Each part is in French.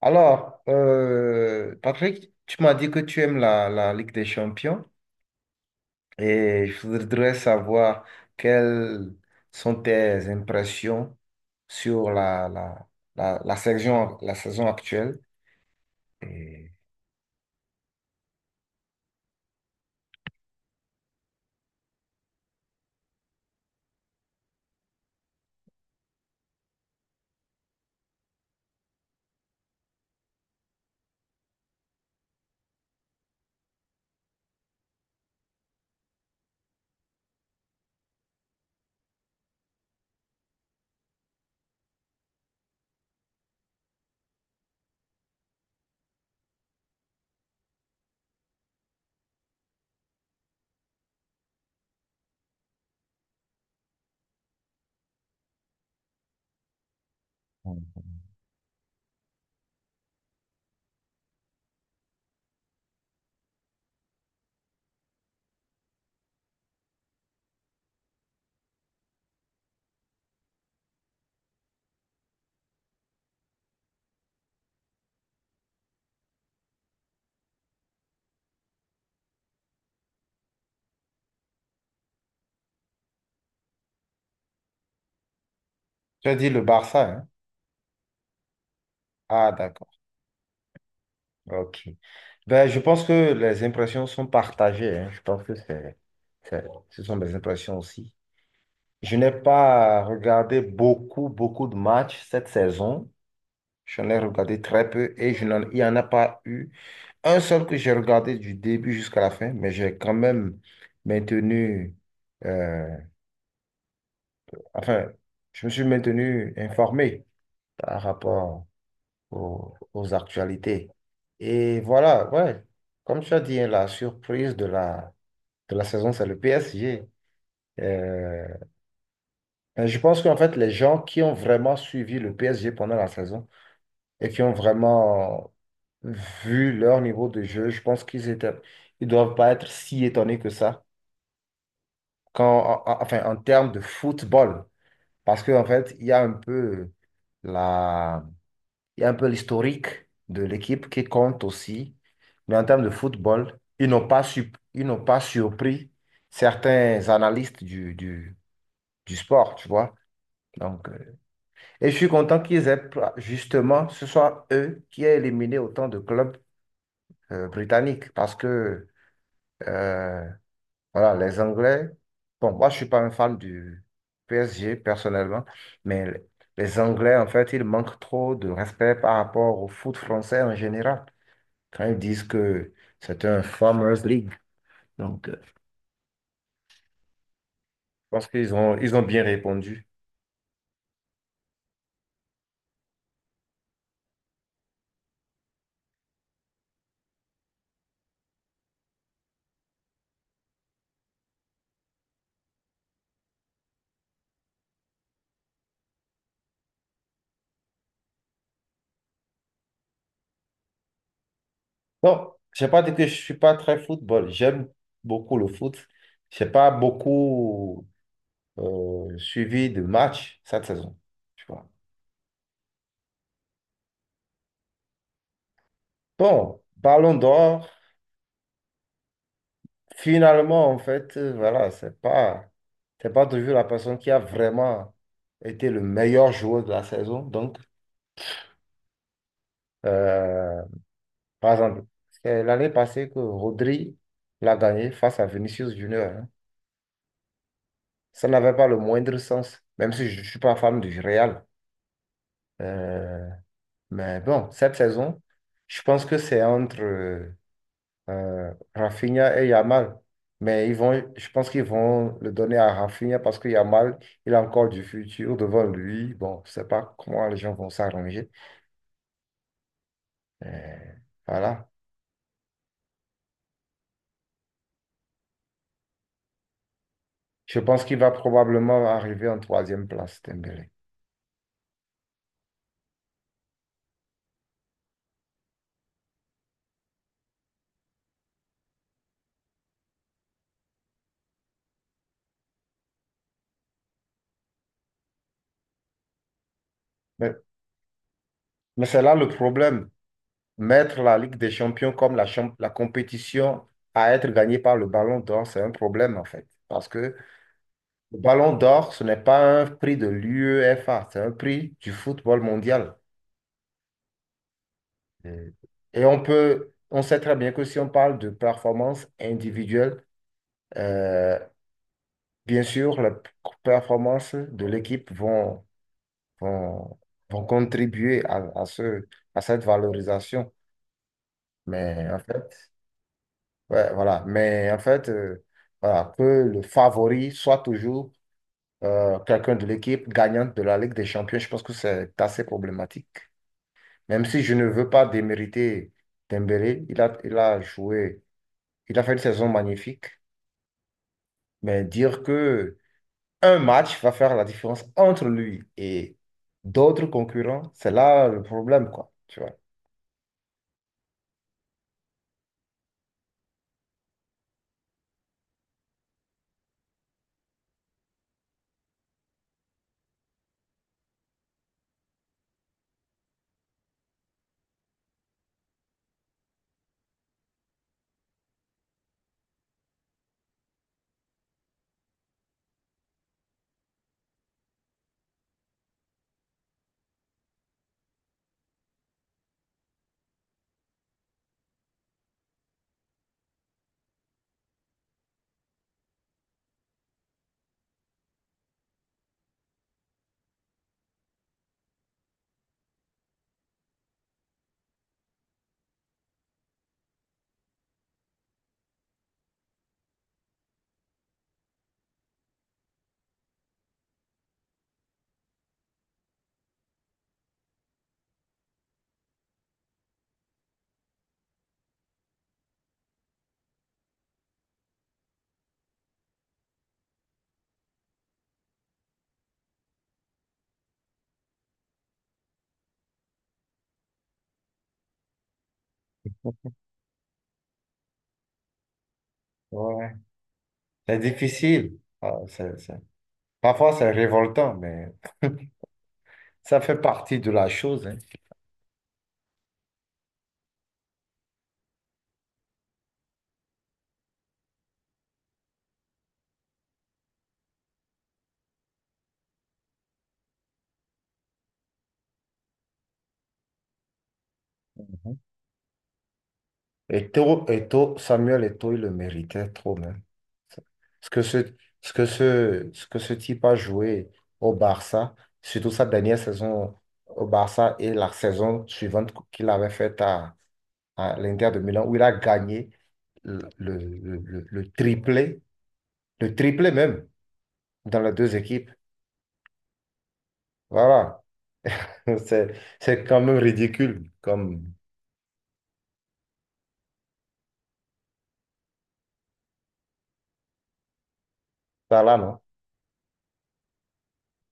Alors, Patrick, tu m'as dit que tu aimes la Ligue des Champions et je voudrais savoir quelles sont tes impressions sur la saison actuelle. Et... euh, Tu as dit le Barça, hein? Ah, d'accord. Ok. Ben, je pense que les impressions sont partagées, hein. Je pense que c'est- ce sont des impressions aussi. Je n'ai pas regardé beaucoup, beaucoup de matchs cette saison. J'en ai regardé très peu et il n'y en a pas eu un seul que j'ai regardé du début jusqu'à la fin, mais j'ai quand même maintenu, euh, enfin, je me suis maintenu informé par rapport aux actualités. Et voilà, ouais, comme tu as dit, hein, la surprise de de la saison, c'est le PSG. Euh, je pense qu'en fait, les gens qui ont vraiment suivi le PSG pendant la saison, et qui ont vraiment vu leur niveau de jeu, je pense qu'ils étaient, ils doivent pas être si étonnés que ça. Quand, enfin, en termes de football, parce qu'en fait, il y a un peu la, il y a un peu l'historique de l'équipe qui compte aussi, mais en termes de football, ils n'ont pas surpris certains analystes du sport, tu vois. Donc, et je suis content justement, ce soit eux qui aient éliminé autant de clubs britannique parce que euh, voilà, les Anglais, bon, moi je suis pas un fan du PSG personnellement, mais les Anglais, en fait, ils manquent trop de respect par rapport au foot français en général quand ils disent que c'est un Farmers League. Donc, je pense ils ont bien répondu. Bon, je n'ai pas dit que je suis pas très football. J'aime beaucoup le foot. Je n'ai pas beaucoup suivi de matchs cette saison, tu vois. Bon, Ballon d'Or, finalement, en fait, voilà, c'est pas toujours la personne qui a vraiment été le meilleur joueur de la saison. Donc, euh, par exemple, c'est l'année passée que Rodri l'a gagné face à Vinicius Junior, hein. Ça n'avait pas le moindre sens, même si je ne suis pas fan du Real. Euh, mais bon, cette saison, je pense que c'est entre Rafinha et Yamal. Je pense qu'ils vont le donner à Rafinha parce que Yamal, il a encore du futur devant lui. Bon, je ne sais pas comment les gens vont s'arranger. Euh, voilà. Je pense qu'il va probablement arriver en troisième place, Dembélé. Mais, mais c'est là le problème. Mettre la Ligue des Champions comme la compétition à être gagnée par le Ballon d'Or, c'est un problème en fait. Parce que le Ballon d'Or, ce n'est pas un prix de l'UEFA, c'est un prix du football mondial. Mm. Et on sait très bien que si on parle de performance individuelle, euh, bien sûr, les performances de l'équipe vont, vont contribuer à à cette valorisation. Mais en fait, ouais, voilà. Mais en fait, voilà, que le favori soit toujours quelqu'un de l'équipe gagnante de la Ligue des Champions, je pense que c'est assez problématique. Même si je ne veux pas démériter Dembélé, il a joué il a fait une saison magnifique, mais dire que un match va faire la différence entre lui et d'autres concurrents, c'est là le problème, quoi. Tu vois. Ouais. C'est difficile. Parfois, c'est révoltant, mais ça fait partie de la chose, hein. Mhm. Samuel Eto, il le méritait trop, même. Ce que ce, Ce que ce type a joué au Barça, surtout sa dernière saison au Barça et la saison suivante qu'il avait faite à l'Inter de Milan, où il a gagné le, le, le- le- le triplé, le triplé même, dans les deux équipes. Voilà. C'est, c'est quand même ridicule comme ça là, non?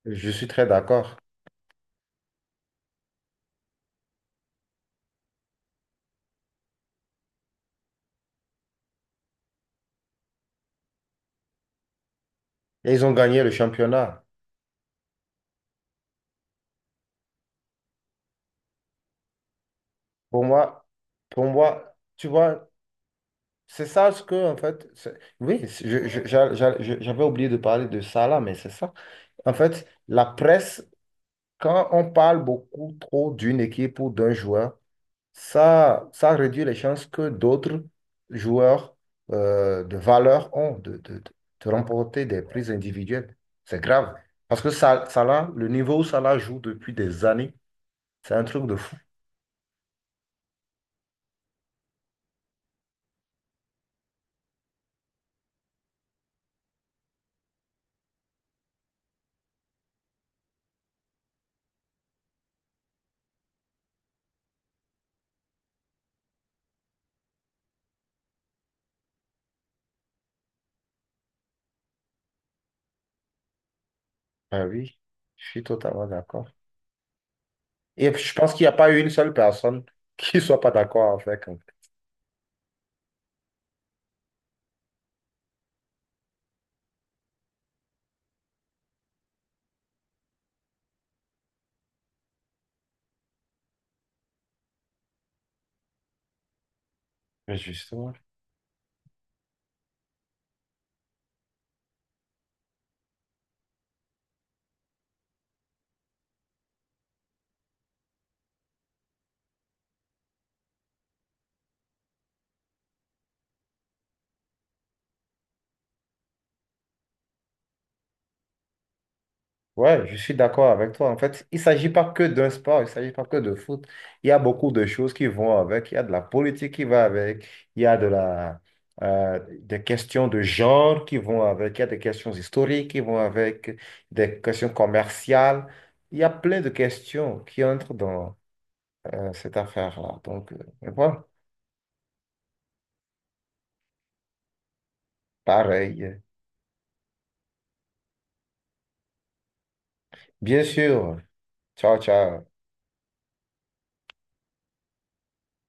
Je suis très d'accord. Et ils ont gagné le championnat. Pour moi, pour moi, tu vois, c'est ça ce que, en fait, c'est- oui, c'est- je- j'a- j'a- je- j'avais oublié de parler de ça là, mais c'est ça. En fait, la presse, quand on parle beaucoup trop d'une équipe ou d'un joueur, ça réduit les chances que d'autres joueurs de valeur ont de remporter des prises individuelles. C'est grave. Parce que ça là, le niveau où ça là joue depuis des années, c'est un truc de fou. Ah oui, je suis totalement d'accord. Et je pense qu'il n'y a pas une seule personne qui ne soit pas d'accord avec, en fait. Mais justement. Ouais, je suis d'accord avec toi. En fait, il ne s'agit pas que d'un sport, il ne s'agit pas que de foot. Il y a beaucoup de choses qui vont avec. Il y a de la politique qui va avec. Il y a de des questions de genre qui vont avec. Il y a des questions historiques qui vont avec. Des questions commerciales. Il y a plein de questions qui entrent dans cette affaire-là. Donc, mais bon, pareil. Bien sûr. Ciao, ciao.